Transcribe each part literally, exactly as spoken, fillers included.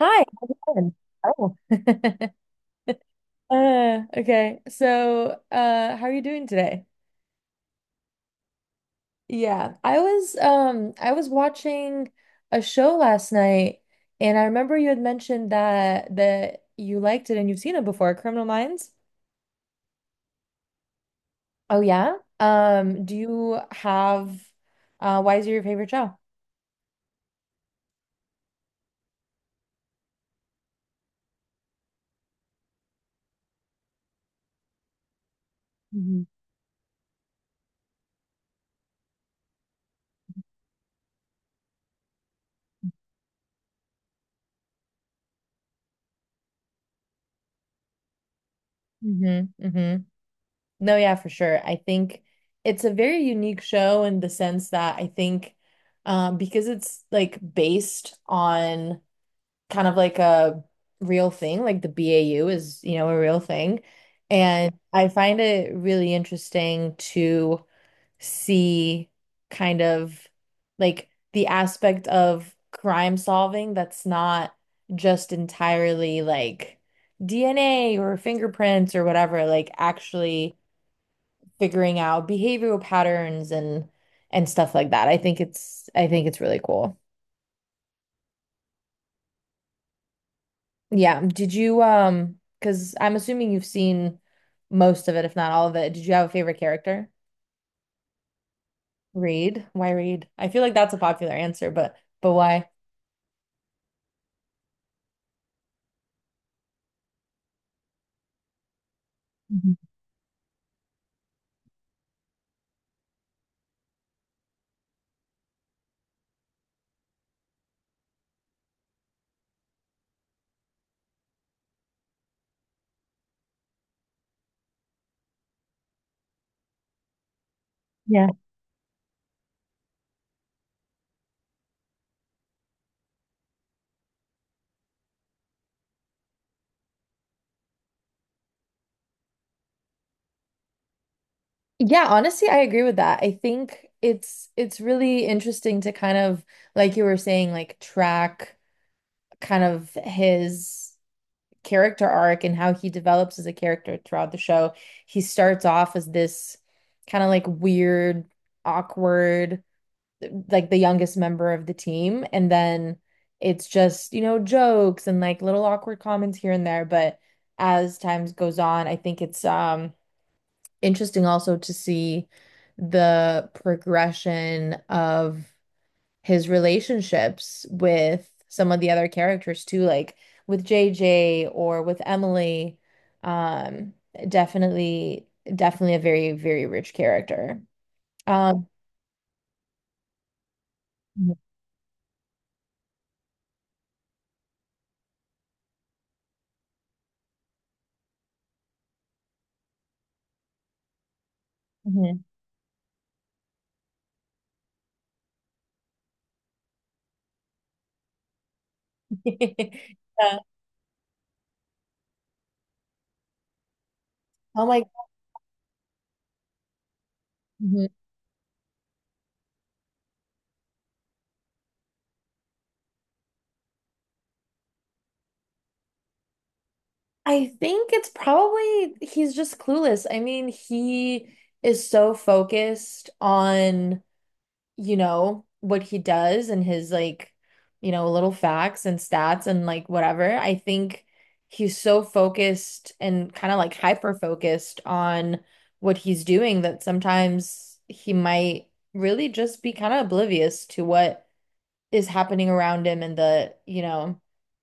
Hi, how's it going? Oh. Uh, okay. So, uh, how are you doing today? Yeah, I was um I was watching a show last night, and I remember you had mentioned that that you liked it and you've seen it before, Criminal Minds. Oh yeah. Um, do you have uh why is it your favorite show? Mm-hmm. Mm-hmm. No, yeah, for sure. I think it's a very unique show in the sense that I think um, because it's like based on kind of like a real thing, like the B A U is, you know, a real thing. And I find it really interesting to see kind of like the aspect of crime solving that's not just entirely like D N A or fingerprints or whatever, like actually figuring out behavioral patterns and and stuff like that. I think it's I think it's really cool. Yeah. Did you um because I'm assuming you've seen most of it, if not all of it. Did you have a favorite character? Reed. Why Reed? I feel like that's a popular answer, but but why? Mhm. Yeah. Yeah, honestly, I agree with that. I think it's it's really interesting to kind of, like you were saying, like track kind of his character arc and how he develops as a character throughout the show. He starts off as this kind of like weird, awkward, like the youngest member of the team. And then it's just, you know, jokes and like little awkward comments here and there. But as time goes on, I think it's um interesting also to see the progression of his relationships with some of the other characters too, like with J J or with Emily. Um, definitely, definitely a very, very rich character. Um, Mhm. Mhm. Yeah. Oh my, mhm. I think it's probably he's just clueless. I mean, he is so focused on, you know, what he does and his like, you know, little facts and stats and like whatever. I think he's so focused and kind of like hyper focused on what he's doing that sometimes he might really just be kind of oblivious to what is happening around him and the, you know,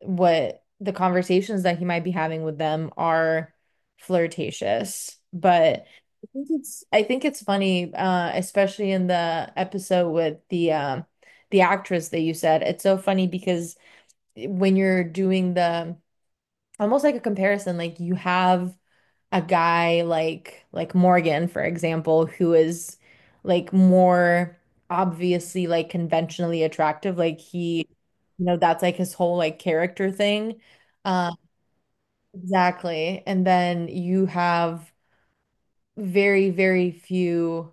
what the conversations that he might be having with them are flirtatious. But I think it's I think it's funny, uh, especially in the episode with the um the actress that you said. It's so funny because when you're doing the almost like a comparison, like you have a guy like like Morgan, for example, who is like more obviously like conventionally attractive. Like he, you know, that's like his whole like character thing. Uh, exactly. And then you have very, very few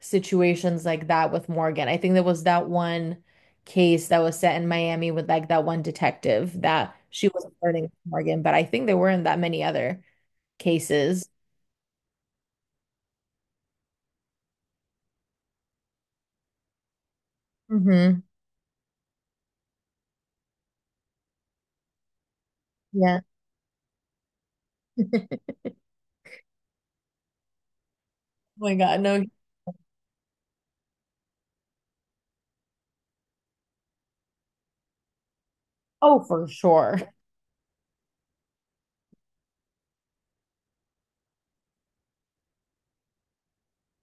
situations like that with Morgan. I think there was that one case that was set in Miami with like that one detective that she was flirting with Morgan, but I think there weren't that many other cases. Hmm. Yeah. Oh my God, no. Oh, for sure.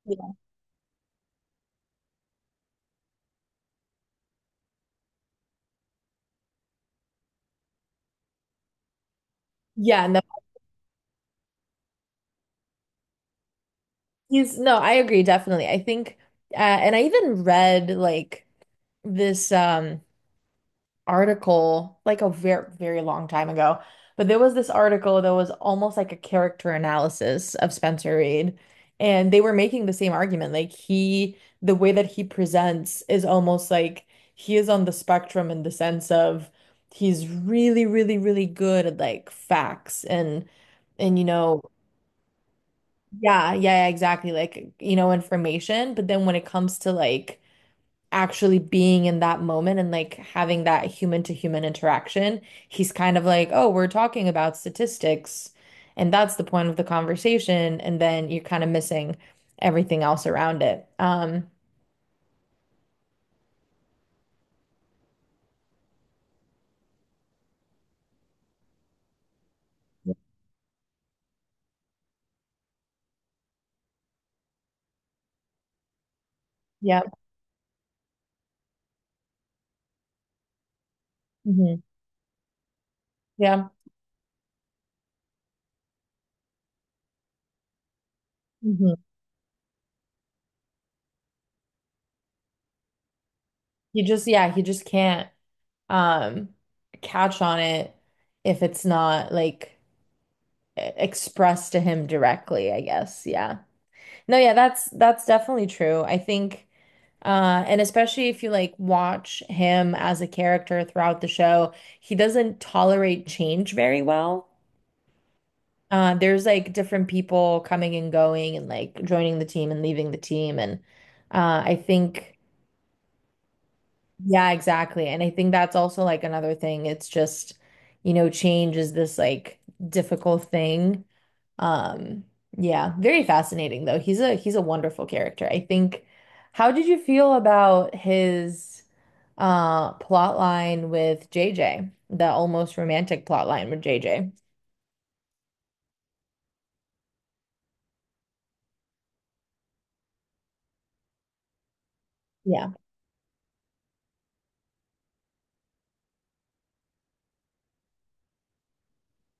Yeah. Yeah, no, he's no, I agree, definitely. I think uh, and I even read like this um article like a very, very long time ago, but there was this article that was almost like a character analysis of Spencer Reid, and they were making the same argument. Like he the way that he presents is almost like he is on the spectrum in the sense of he's really, really, really good at like facts and and you know, yeah, yeah, exactly. Like, you know, information, but then when it comes to like actually being in that moment and like having that human to human interaction, he's kind of like, "Oh, we're talking about statistics, and that's the point of the conversation." And then you're kind of missing everything else around it. Um, yeah. Hmm. Yeah. Hmm. He just, yeah, he just can't um catch on it if it's not like e- expressed to him directly, I guess. Yeah. No, yeah, that's that's definitely true. I think uh and especially if you like watch him as a character throughout the show, he doesn't tolerate change very well. Uh there's like different people coming and going and like joining the team and leaving the team, and uh I think yeah, exactly. And I think that's also like another thing. It's just, you know, change is this like difficult thing. Um, yeah, very fascinating though. He's a he's a wonderful character. I think how did you feel about his uh plot line with J J? The almost romantic plot line with J J. Yeah.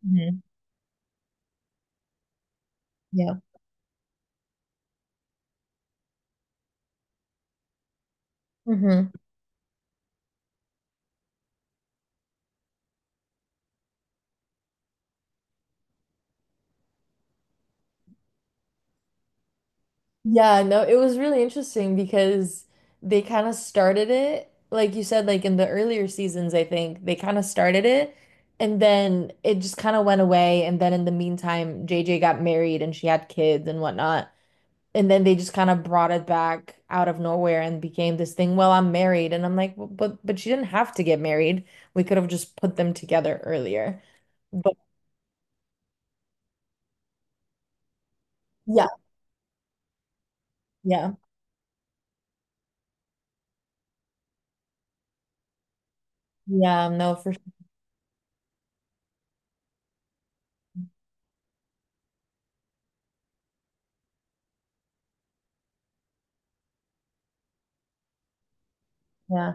Hmm. Yeah. Hmm. Yeah, no, it was really interesting because they kind of started it, like you said, like in the earlier seasons, I think they kind of started it, and then it just kind of went away. And then in the meantime, J J got married and she had kids and whatnot. And then they just kind of brought it back out of nowhere and became this thing. Well, I'm married, and I'm like, well, but but she didn't have to get married. We could have just put them together earlier. But yeah, yeah, yeah. No, for sure. Yeah.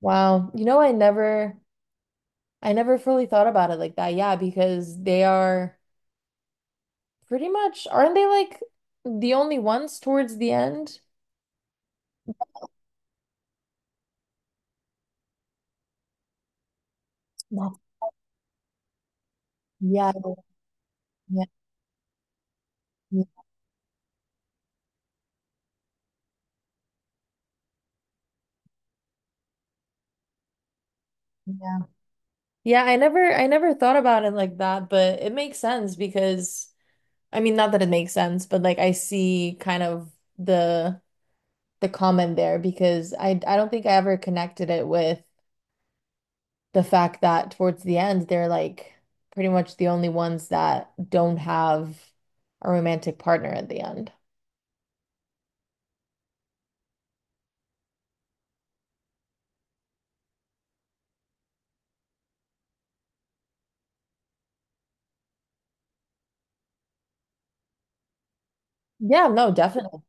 Wow. You know, I never, I never fully thought about it like that. Yeah, because they are pretty much, aren't they, like the only ones towards the end? Yeah. Yeah. Yeah. Yeah. Yeah, I never I never thought about it like that, but it makes sense because I mean, not that it makes sense, but like I see kind of the the comment there because I I don't think I ever connected it with the fact that towards the end, they're like pretty much the only ones that don't have a romantic partner at the end. Yeah, no, definitely.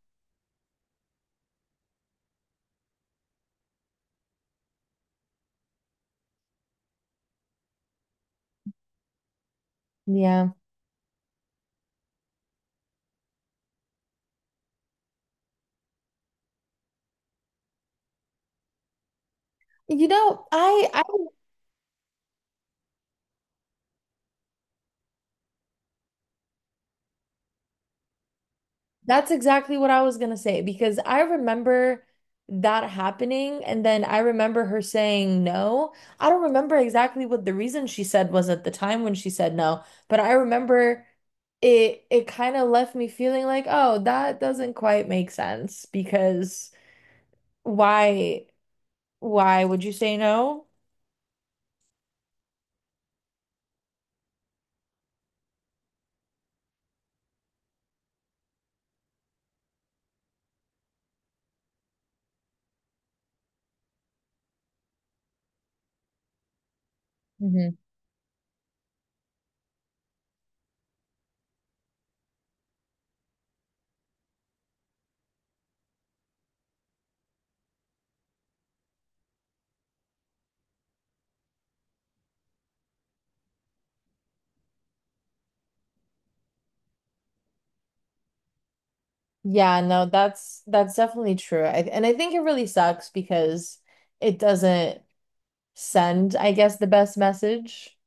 Yeah. You know, I that's exactly what I was gonna say because I remember that happening, and then I remember her saying no. I don't remember exactly what the reason she said was at the time when she said no, but I remember it it kind of left me feeling like, oh, that doesn't quite make sense because why why would you say no? Hmm. Yeah, no, that's that's definitely true. I, and I think it really sucks because it doesn't send, I guess, the best message.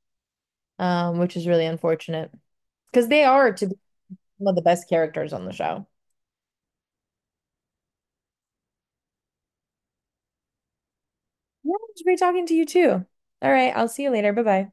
Um, which is really unfortunate because they are to be one of the best characters on the show. Yeah, it's great talking to you too. All right, I'll see you later. Bye bye.